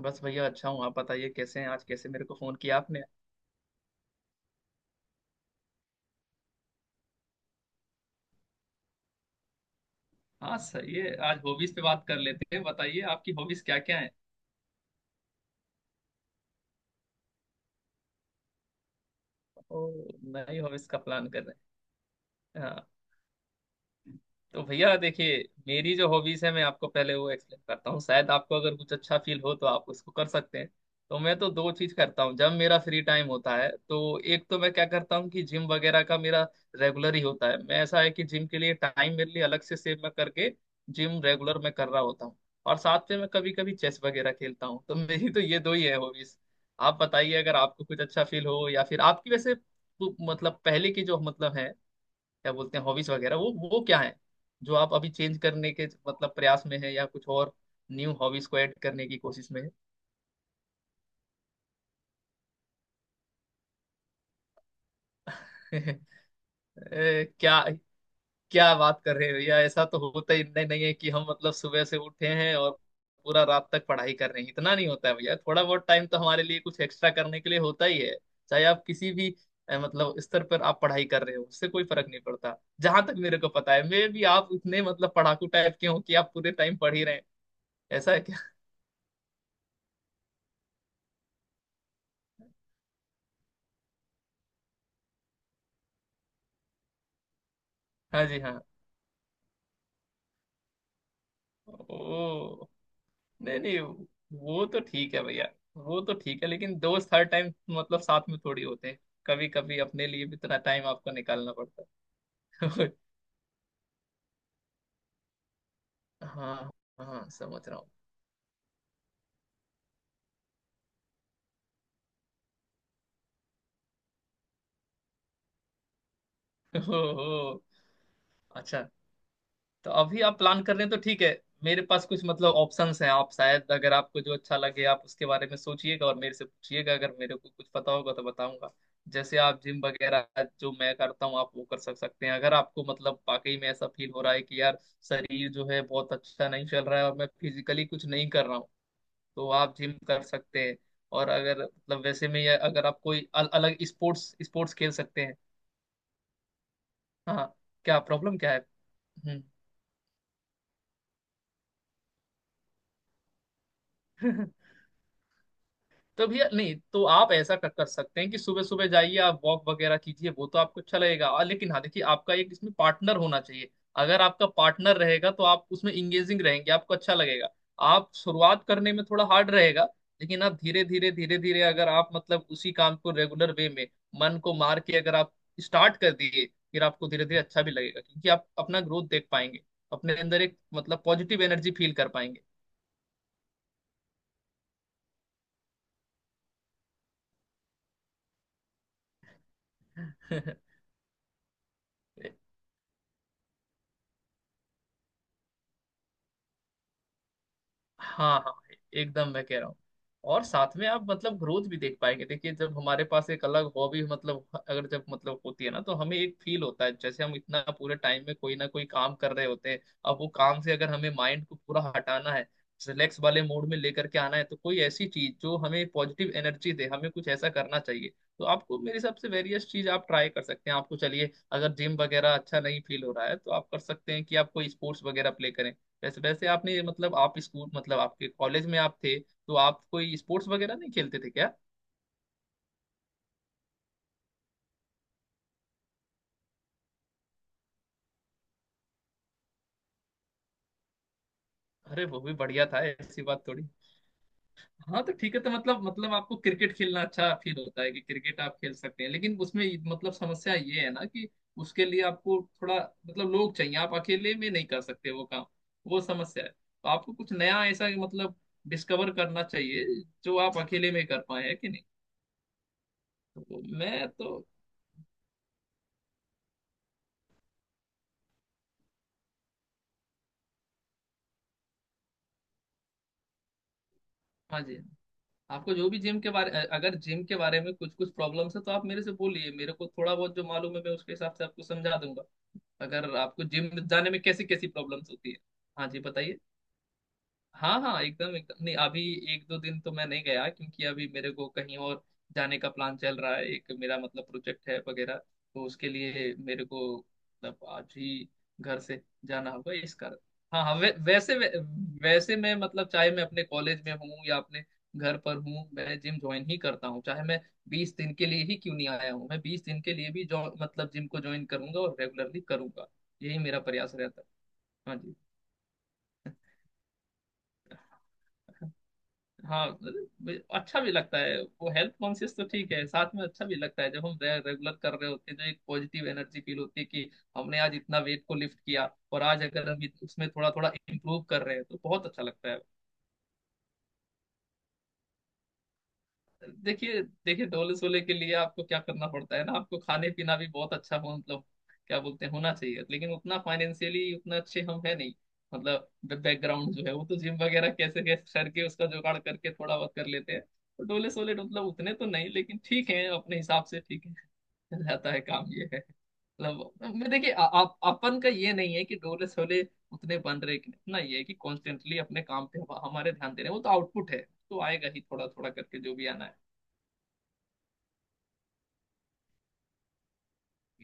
बस भैया अच्छा हूँ। आप बताइए कैसे हैं? आज कैसे मेरे को फोन किया आपने? हाँ, सही है। आज हॉबीज पे बात कर लेते हैं। बताइए आपकी हॉबीज क्या क्या है? ओ, नई हॉबीज का प्लान कर रहे हैं? हाँ। तो भैया देखिए, मेरी जो हॉबीज है मैं आपको पहले वो एक्सप्लेन करता हूँ, शायद आपको अगर कुछ अच्छा फील हो तो आप उसको कर सकते हैं। तो मैं तो दो चीज करता हूँ, जब मेरा फ्री टाइम होता है तो एक तो मैं क्या करता हूँ कि जिम वगैरह का मेरा रेगुलर ही होता है। मैं ऐसा है कि जिम के लिए टाइम मेरे लिए अलग से सेव मैं करके जिम रेगुलर मैं कर रहा होता हूँ। और साथ में मैं कभी कभी चेस वगैरह खेलता हूँ, तो मेरी तो ये दो ही है हॉबीज। आप बताइए अगर आपको कुछ अच्छा फील हो, या फिर आपकी वैसे मतलब पहले की जो मतलब है क्या बोलते हैं हॉबीज वगैरह वो क्या है जो आप अभी चेंज करने के मतलब प्रयास में है या कुछ और, न्यू हॉबीज को ऐड करने की कोशिश में है। ए, क्या क्या बात कर रहे हो भैया? ऐसा तो होता ही नहीं। नहीं है कि हम मतलब सुबह से उठे हैं और पूरा रात तक पढ़ाई कर रहे हैं, इतना नहीं होता है भैया। थोड़ा बहुत टाइम तो हमारे लिए कुछ एक्स्ट्रा करने के लिए होता ही है, चाहे आप किसी भी मतलब स्तर पर आप पढ़ाई कर रहे हो उससे कोई फर्क नहीं पड़ता। जहां तक मेरे को पता है मे भी आप इतने मतलब पढ़ाकू टाइप के हो कि आप पूरे टाइम पढ़ ही रहे हैं, ऐसा है क्या? हाँ जी हाँ। ओ, नहीं नहीं। वो तो ठीक है भैया, वो तो ठीक है, लेकिन दोस्त हर टाइम मतलब साथ में थोड़ी होते हैं। कभी कभी अपने लिए भी इतना टाइम आपको निकालना पड़ता है। हाँ हाँ, समझ रहा हूँ। ओहो, अच्छा। तो अभी आप प्लान कर रहे हैं तो ठीक है। मेरे पास कुछ मतलब ऑप्शंस हैं, आप शायद अगर आपको जो अच्छा लगे आप उसके बारे में सोचिएगा और मेरे से पूछिएगा, अगर मेरे को कुछ पता होगा तो बताऊंगा। जैसे आप जिम वगैरह जो मैं करता हूँ आप वो कर सक सकते हैं, अगर आपको मतलब वाकई में ऐसा फील हो रहा है कि यार शरीर जो है बहुत अच्छा नहीं चल रहा है और मैं फिजिकली कुछ नहीं कर रहा हूँ तो आप जिम कर सकते हैं। और अगर मतलब वैसे में ये अगर आप कोई अल अलग स्पोर्ट्स स्पोर्ट्स खेल सकते हैं। हाँ, क्या प्रॉब्लम क्या है? हम्म। तो भैया नहीं तो आप ऐसा कर सकते हैं कि सुबह सुबह जाइए आप वॉक वगैरह कीजिए, वो तो आपको अच्छा लगेगा। और लेकिन हाँ, देखिए, आपका एक इसमें पार्टनर होना चाहिए। अगर आपका पार्टनर रहेगा तो आप उसमें इंगेजिंग रहेंगे, आपको अच्छा लगेगा। आप शुरुआत करने में थोड़ा हार्ड रहेगा, लेकिन आप धीरे धीरे धीरे धीरे अगर आप मतलब उसी काम को रेगुलर वे में मन को मार के अगर आप स्टार्ट कर दिए, फिर आपको धीरे धीरे अच्छा भी लगेगा क्योंकि आप अपना ग्रोथ देख पाएंगे, अपने अंदर एक मतलब पॉजिटिव एनर्जी फील कर पाएंगे। हाँ हाँ, एकदम मैं कह रहा हूँ। और साथ में आप मतलब ग्रोथ भी देख पाएंगे। देखिए, जब हमारे पास एक अलग हॉबी मतलब अगर जब मतलब होती है ना तो हमें एक फील होता है, जैसे हम इतना पूरे टाइम में कोई ना कोई काम कर रहे होते हैं। अब वो काम से अगर हमें माइंड को पूरा हटाना है, रिलैक्स वाले मूड में लेकर के आना है, तो कोई ऐसी चीज जो हमें पॉजिटिव एनर्जी दे, हमें कुछ ऐसा करना चाहिए। तो आपको मेरे हिसाब से वेरियस चीज आप ट्राई कर सकते हैं। आपको चलिए, अगर जिम वगैरह अच्छा नहीं फील हो रहा है तो आप कर सकते हैं कि आप कोई स्पोर्ट्स वगैरह प्ले करें। वैसे वैसे आपने मतलब आप स्कूल मतलब आपके कॉलेज में आप थे तो आप कोई स्पोर्ट्स वगैरह नहीं खेलते थे क्या? अरे वो भी बढ़िया था, ऐसी बात थोड़ी। हाँ, तो ठीक है। तो मतलब मतलब आपको क्रिकेट खेलना अच्छा फील होता है कि क्रिकेट आप खेल सकते हैं, लेकिन उसमें मतलब समस्या ये है ना कि उसके लिए आपको थोड़ा मतलब लोग चाहिए, आप अकेले में नहीं कर सकते वो काम, वो समस्या है। तो आपको कुछ नया ऐसा मतलब डिस्कवर करना चाहिए जो आप अकेले में कर पाए है कि नहीं। तो मैं तो हाँ जी, आपको जो भी जिम के बारे अगर जिम के बारे में कुछ कुछ प्रॉब्लम्स है तो आप मेरे से बोलिए, मेरे को थोड़ा बहुत जो मालूम है मैं उसके हिसाब से आपको समझा दूंगा। अगर आपको जिम जाने में कैसी कैसी प्रॉब्लम्स होती है। हाँ जी, बताइए। हाँ हाँ, एकदम एकदम। नहीं अभी एक दो दिन तो मैं नहीं गया क्योंकि अभी मेरे को कहीं और जाने का प्लान चल रहा है, एक मेरा मतलब प्रोजेक्ट है वगैरह, तो उसके लिए मेरे को मतलब आज ही घर से जाना होगा इस कारण। हाँ हाँ, वैसे मैं मतलब चाहे मैं अपने कॉलेज में हूँ या अपने घर पर हूँ, मैं जिम ज्वाइन ही करता हूँ। चाहे मैं 20 दिन के लिए ही क्यों नहीं आया हूँ, मैं 20 दिन के लिए भी जो मतलब जिम को ज्वाइन करूंगा और रेगुलरली करूंगा, यही मेरा प्रयास रहता है। हाँ जी हाँ। अरे भाई, अच्छा भी लगता है वो। हेल्थ कॉन्शियस तो ठीक है, साथ में अच्छा भी लगता है जब हम रेगुलर कर रहे होते हैं तो एक पॉजिटिव एनर्जी फील होती है कि हमने आज इतना वेट को लिफ्ट किया, और आज अगर हम उसमें थोड़ा थोड़ा इम्प्रूव कर रहे हैं तो बहुत अच्छा लगता है। देखिए देखिए, ढोले सोले के लिए आपको क्या करना पड़ता है ना, आपको खाने पीना भी बहुत अच्छा हो मतलब क्या बोलते हैं होना चाहिए, लेकिन उतना फाइनेंशियली उतना अच्छे हम है नहीं। मतलब बैकग्राउंड जो है वो तो जिम वगैरह कैसे कैसे करके उसका जुगाड़ करके थोड़ा बहुत कर लेते हैं, तो डोले सोले मतलब उतने तो नहीं, लेकिन ठीक है अपने हिसाब से ठीक है। चल जाता है काम ये है। मतलब मैं देखिए आप अपन का ये नहीं है कि डोले सोले उतने बन रहे, कि इतना ये है कि कॉन्स्टेंटली अपने काम पे हमारे ध्यान दे रहे हैं वो तो आउटपुट है, तो आएगा ही थोड़ा थोड़ा करके जो भी आना है।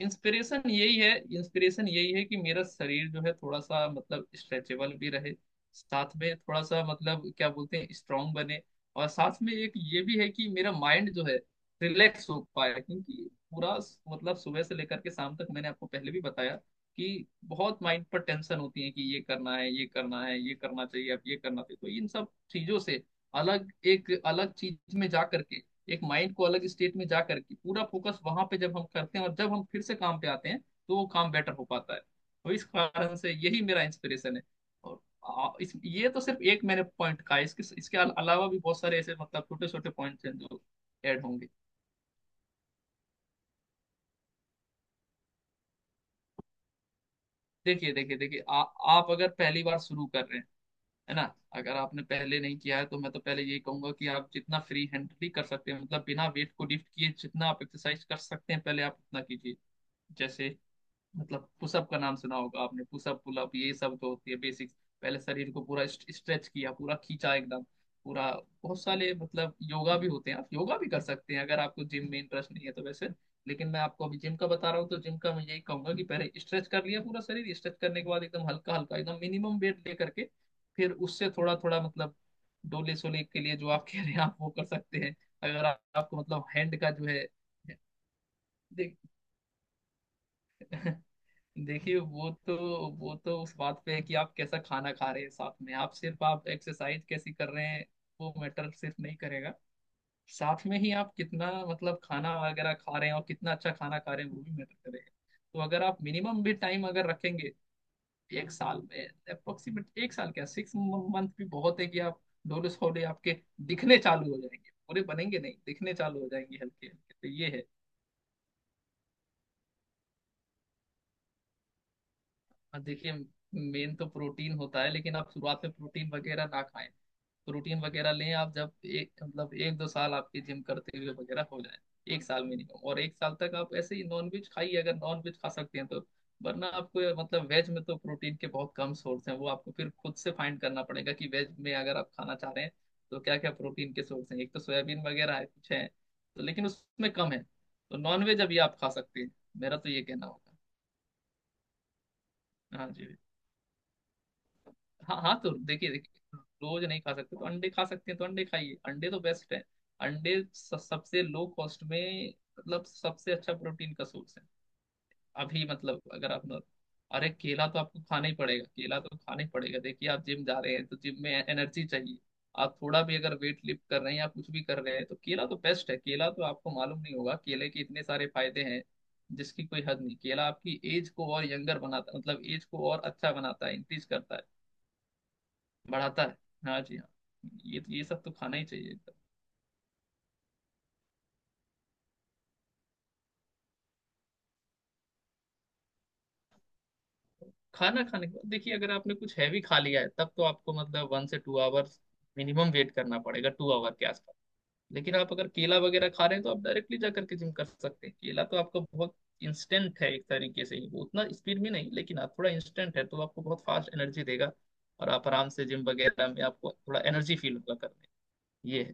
इंस्पिरेशन यही है, इंस्पिरेशन यही है कि मेरा शरीर जो है थोड़ा सा मतलब स्ट्रेचेबल भी रहे, साथ में थोड़ा सा मतलब क्या बोलते हैं स्ट्रांग बने। और साथ में एक ये भी है कि मेरा माइंड जो है रिलैक्स हो पाए, क्योंकि पूरा मतलब सुबह से लेकर के शाम तक मैंने आपको पहले भी बताया कि बहुत माइंड पर टेंशन होती है कि ये करना है, ये करना है, ये करना चाहिए, अब ये करना चाहिए। तो इन सब चीजों से अलग एक अलग चीज में जा करके एक माइंड को अलग स्टेट में जा करके पूरा फोकस वहां पे जब हम करते हैं और जब हम फिर से काम पे आते हैं तो वो काम बेटर हो पाता है, तो इस कारण से यही मेरा इंस्पिरेशन है। और इस ये तो सिर्फ एक मैंने पॉइंट कहा, इसके इसके अलावा भी बहुत सारे ऐसे मतलब छोटे छोटे पॉइंट्स हैं जो ऐड होंगे। देखिए देखिए देखिए आप अगर पहली बार शुरू कर रहे हैं, है ना? अगर आपने पहले नहीं किया है तो मैं तो पहले यही कहूंगा कि आप जितना फ्री हैंडली कर सकते हैं मतलब बिना वेट को लिफ्ट किए जितना आप एक्सरसाइज कर सकते हैं पहले आप उतना कीजिए। जैसे मतलब पुशअप का नाम सुना होगा आपने, पुशअप पुलअप ये सब जो होती है बेसिक्स। पहले शरीर को पूरा स्ट्रेच किया, पूरा खींचा एकदम पूरा। बहुत सारे मतलब योगा भी होते हैं, आप योगा भी कर सकते हैं अगर आपको जिम में इंटरेस्ट नहीं है तो वैसे, लेकिन मैं आपको अभी जिम का बता रहा हूँ तो जिम का मैं यही कहूंगा कि पहले स्ट्रेच कर लिया, पूरा शरीर स्ट्रेच करने के बाद एकदम हल्का हल्का एकदम मिनिमम वेट ले करके, फिर उससे थोड़ा थोड़ा मतलब डोले सोले के लिए जो आप कह रहे हैं आप वो कर सकते हैं। अगर आपको मतलब हैंड का जो है देख देखिए, वो तो उस बात पे है कि आप कैसा खाना खा रहे हैं, साथ में आप सिर्फ आप एक्सरसाइज कैसी कर रहे हैं वो मैटर सिर्फ नहीं करेगा, साथ में ही आप कितना मतलब खाना वगैरह खा रहे हैं और कितना अच्छा खाना खा रहे हैं वो भी मैटर करेगा। तो अगर आप मिनिमम भी टाइम अगर रखेंगे, एक साल में अप्रोक्सीमेट एक साल क्या 6 मंथ भी बहुत है कि आप डोले सोले आपके दिखने चालू हो जाएंगे, पूरे बनेंगे नहीं दिखने चालू हो जाएंगे हल्के हल्के, तो ये है। और देखिए, मेन तो प्रोटीन होता है लेकिन आप शुरुआत में प्रोटीन वगैरह ना खाएं, प्रोटीन वगैरह लें आप जब एक मतलब एक दो साल आपके जिम करते हुए वगैरह हो जाए, एक साल मिनिमम। और एक साल तक आप ऐसे ही नॉन वेज खाइए अगर नॉन वेज खा सकते हैं तो, वरना आपको मतलब वेज में तो प्रोटीन के बहुत कम सोर्स हैं, वो आपको फिर खुद से फाइंड करना पड़ेगा कि वेज में अगर आप खाना चाह रहे हैं तो क्या क्या प्रोटीन के सोर्स हैं। एक तो सोयाबीन वगैरह है, कुछ है तो, लेकिन उसमें कम है तो नॉन वेज अभी आप खा सकते हैं, मेरा तो ये कहना होगा। हाँ जी, हाँ हाँ, तो देखिए देखिए, रोज नहीं खा सकते तो अंडे खा सकते हैं, तो अंडे खाइए, अंडे तो बेस्ट है। अंडे सबसे लो कॉस्ट में मतलब सबसे अच्छा प्रोटीन का सोर्स है। अभी मतलब अगर आप, अरे केला तो आपको खाना ही पड़ेगा, केला तो खाना ही पड़ेगा। देखिए आप जिम जा रहे हैं तो जिम में एनर्जी चाहिए, आप थोड़ा भी अगर वेट लिफ्ट कर रहे हैं या कुछ भी कर रहे हैं तो केला तो बेस्ट है। केला तो आपको मालूम नहीं होगा, केले के इतने सारे फायदे हैं जिसकी कोई हद नहीं। केला आपकी एज को और यंगर बनाता मतलब एज को और अच्छा बनाता है, इंक्रीज करता है, बढ़ाता है। हाँ जी हाँ, ये सब तो खाना ही चाहिए एकदम। खाना खाने के बाद देखिए, अगर आपने कुछ हैवी खा लिया है तब तो आपको मतलब 1 से 2 आवर्स मिनिमम वेट करना पड़ेगा, 2 आवर के आसपास। लेकिन आप अगर केला वगैरह खा रहे हैं तो आप डायरेक्टली जा करके जिम कर सकते हैं, केला तो आपका बहुत इंस्टेंट है एक तरीके से ही, वो उतना स्पीड में नहीं लेकिन आप थोड़ा इंस्टेंट है तो आपको बहुत फास्ट एनर्जी देगा और आप आराम से जिम वगैरह में आपको थोड़ा एनर्जी फील होगा करने। ये है।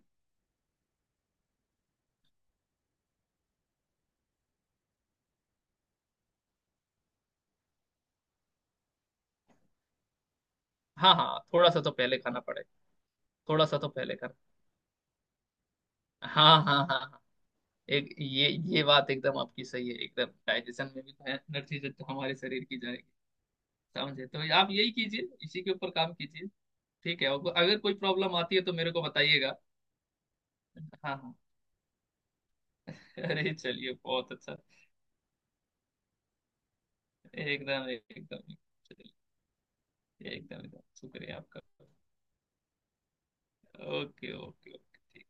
हाँ हाँ, थोड़ा सा तो पहले खाना पड़ेगा, थोड़ा सा तो पहले खाना। हाँ हाँ हाँ हाँ। एक ये बात एकदम आपकी सही है एकदम, डाइजेशन में भी भयंकर चीजें तो हमारे शरीर की जाएगी। समझे तो आप यही कीजिए, इसी के ऊपर काम कीजिए। ठीक है, और अगर कोई प्रॉब्लम आती है तो मेरे को बताइएगा। हाँ हाँ, अरे चलिए, बहुत अच्छा। एकदम एकदम। चलिए, एकदम एकदम शुक्रिया आपका। Okay okay okay.